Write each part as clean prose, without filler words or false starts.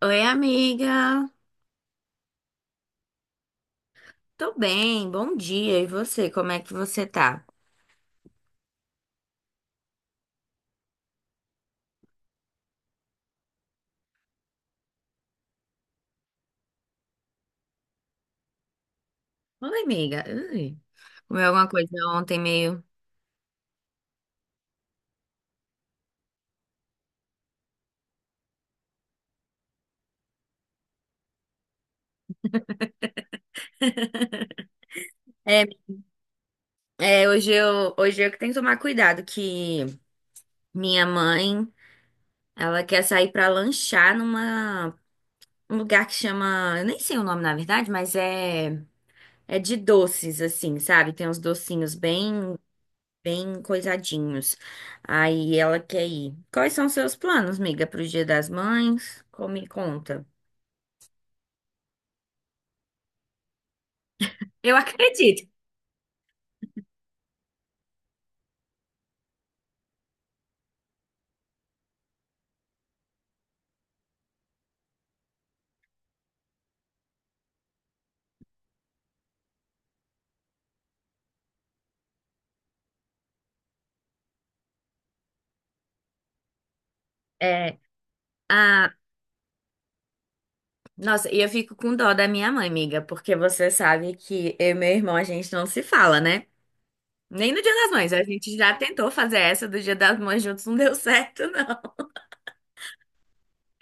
Oi, amiga. Tô bem, bom dia. E você, como é que você tá? Oi, amiga. Ui. Comeu alguma coisa ontem meio. É, hoje eu que tenho que tomar cuidado, que minha mãe, ela quer sair pra lanchar numa um lugar que chama, eu nem sei o nome na verdade, mas é de doces assim, sabe? Tem uns docinhos bem coisadinhos. Aí ela quer ir. Quais são os seus planos, amiga, pro Dia das Mães? Como me conta? Eu acredito. É, a... Nossa, e eu fico com dó da minha mãe, amiga, porque você sabe que eu e meu irmão a gente não se fala, né? Nem no Dia das Mães. A gente já tentou fazer essa do Dia das Mães juntos, não deu certo, não.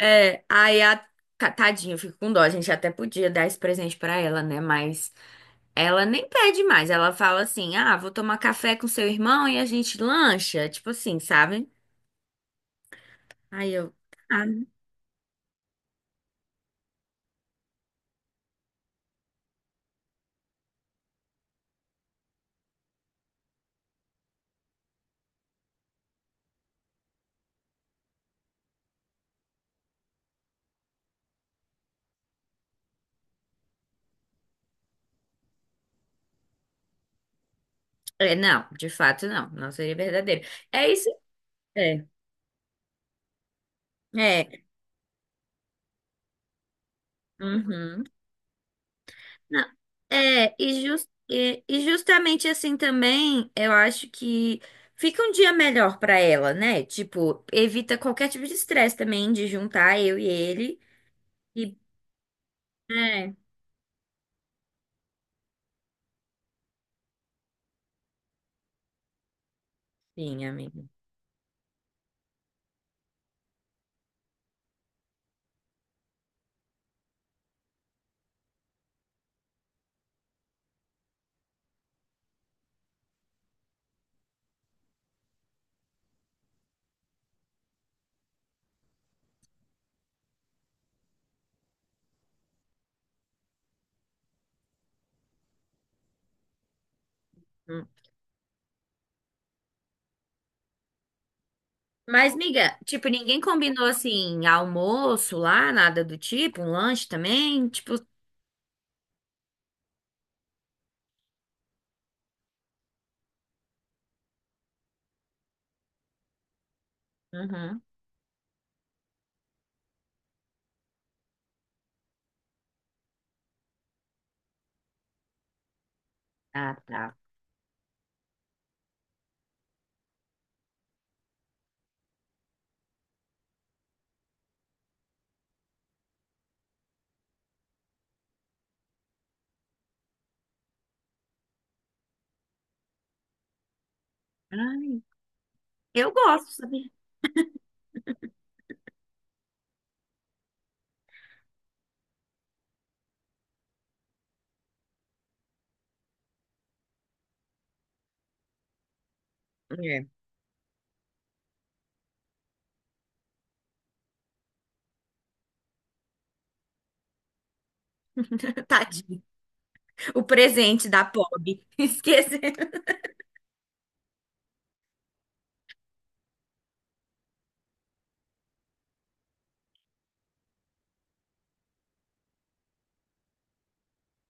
É, aí a tadinha, eu fico com dó. A gente até podia dar esse presente pra ela, né? Mas ela nem pede mais. Ela fala assim: "Ah, vou tomar café com seu irmão e a gente lancha", tipo assim, sabe? Aí eu, ah, é, não, de fato não, não seria verdadeiro. É isso. É. É. Uhum. Não. É, e, e justamente assim também, eu acho que fica um dia melhor pra ela, né? Tipo, evita qualquer tipo de estresse também de juntar eu e ele. E, é, sim, amiga. Hum. Mas, amiga, tipo, ninguém combinou assim almoço lá, nada do tipo, um lanche também, tipo, uhum. Ah, tá. Ai, eu gosto, sabe? É. Tadinho. O presente da pobre. Esqueci.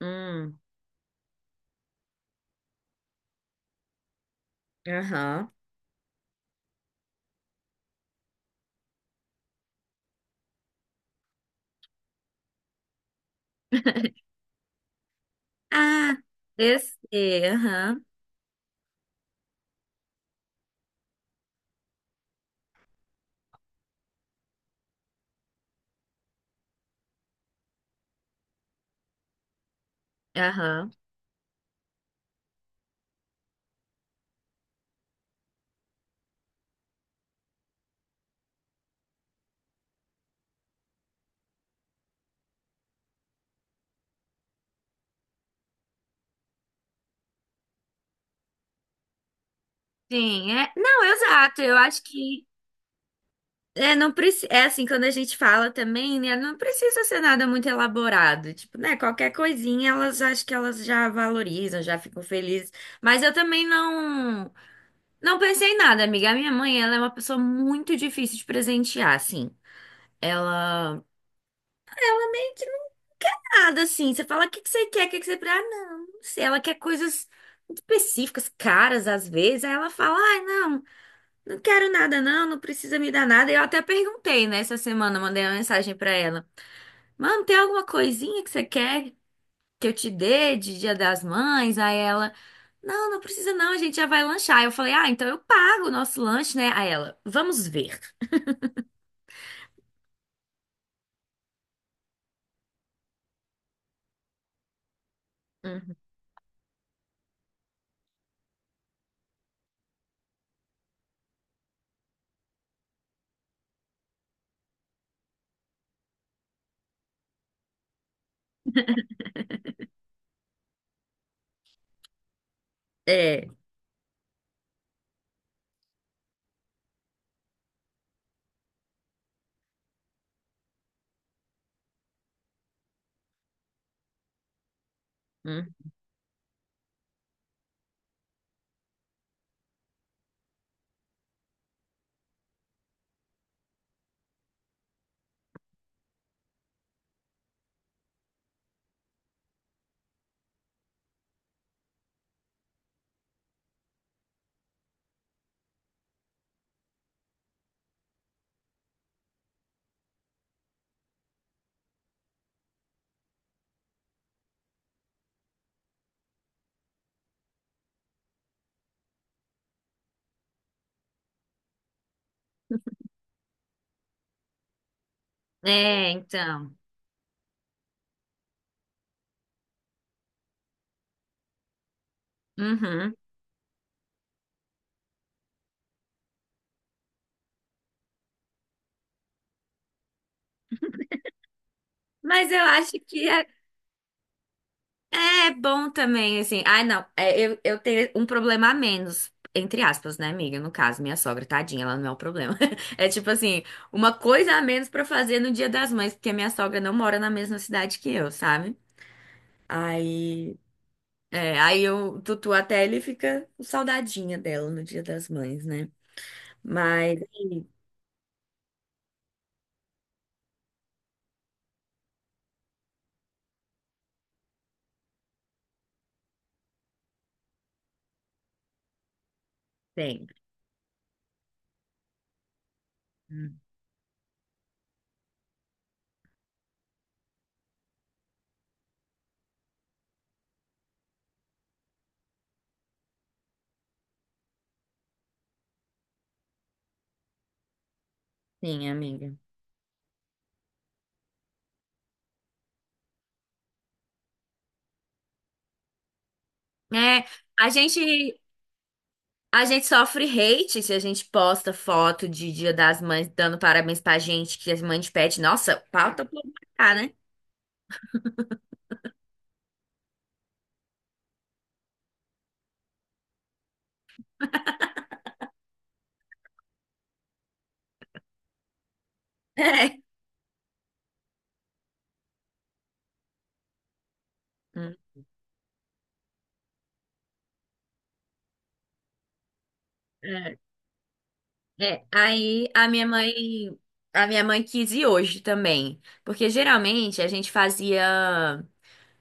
Hum, aham. Ah, esse sei, aham, aham. Sim, é. Não, exato, eu acho que. É, não precisa é assim, quando a gente fala também, né? Não precisa ser nada muito elaborado. Tipo, né? Qualquer coisinha, elas acho que elas já valorizam, já ficam felizes. Mas eu também não pensei em nada, amiga. A minha mãe, ela é uma pessoa muito difícil de presentear, assim. Ela. Nada assim. Você fala, o que que você quer? O que que você. Pre-" Ah, não, não sei. Ela quer coisas muito específicas, caras às vezes. Aí ela fala, ai, não. Não quero nada, não, não precisa me dar nada. Eu até perguntei, né, essa semana, mandei uma mensagem pra ela. Mano, tem alguma coisinha que você quer que eu te dê de Dia das Mães? Aí ela, não, não precisa não, a gente já vai lanchar. Aí eu falei, ah, então eu pago o nosso lanche, né? Aí ela, vamos ver. Uhum, é, uhum. É, então. Uhum. Mas eu acho que é é bom também, assim. Ah, não. É, eu tenho um problema a menos, entre aspas, né, amiga? No caso, minha sogra, tadinha, ela não é o problema. É tipo assim, uma coisa a menos pra fazer no Dia das Mães, porque a minha sogra não mora na mesma cidade que eu, sabe? Aí. É, o Tutu até ele fica com saudadinha dela no Dia das Mães, né? Mas. Sim, tem. Sim, amiga. É, a gente. A gente sofre hate se a gente posta foto de Dia das Mães dando parabéns pra gente, que as mães pedem. Nossa, pauta pra cá, né? É. É. É. Aí a minha mãe quis ir hoje também, porque geralmente a gente fazia,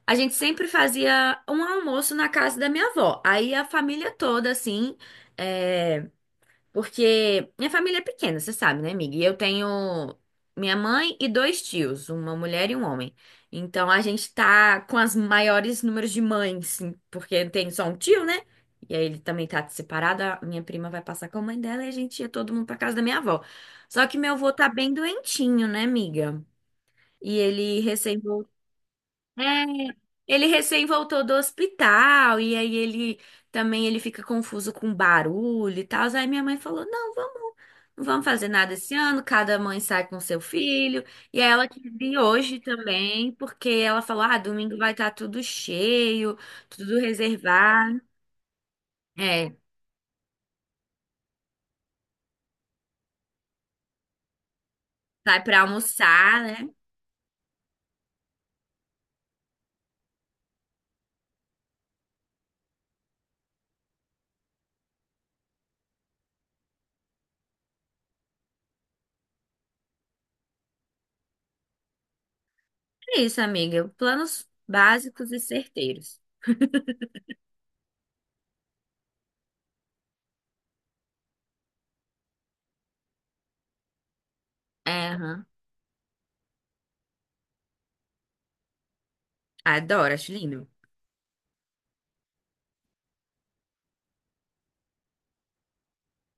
a gente sempre fazia um almoço na casa da minha avó. Aí a família toda assim, é, porque minha família é pequena, você sabe, né, amiga? E eu tenho minha mãe e dois tios, uma mulher e um homem. Então a gente tá com as maiores números de mães, sim, porque tem só um tio, né? E aí ele também tá separado, a minha prima vai passar com a mãe dela e a gente ia todo mundo pra casa da minha avó. Só que meu avô tá bem doentinho, né, amiga? E ele recém é, ele recém voltou do hospital e aí ele também ele fica confuso com barulho e tal. Aí minha mãe falou: "Não, vamos, não vamos fazer nada esse ano, cada mãe sai com seu filho". E aí ela quis vir hoje também, porque ela falou: "Ah, domingo vai estar tudo cheio, tudo reservado". É, sai para almoçar, né? É isso, amiga. Planos básicos e certeiros. É, aham. Adoro, acho lindo.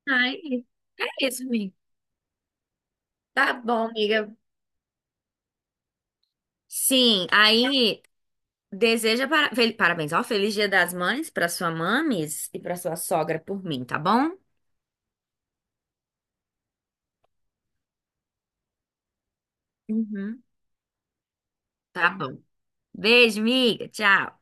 Ai, é isso, amiga. Tá bom, amiga. Sim, aí deseja para... parabéns, ó, feliz Dia das Mães para sua mames e para sua sogra por mim, tá bom? Uhum. Tá bom. Beijo, miga. Tchau.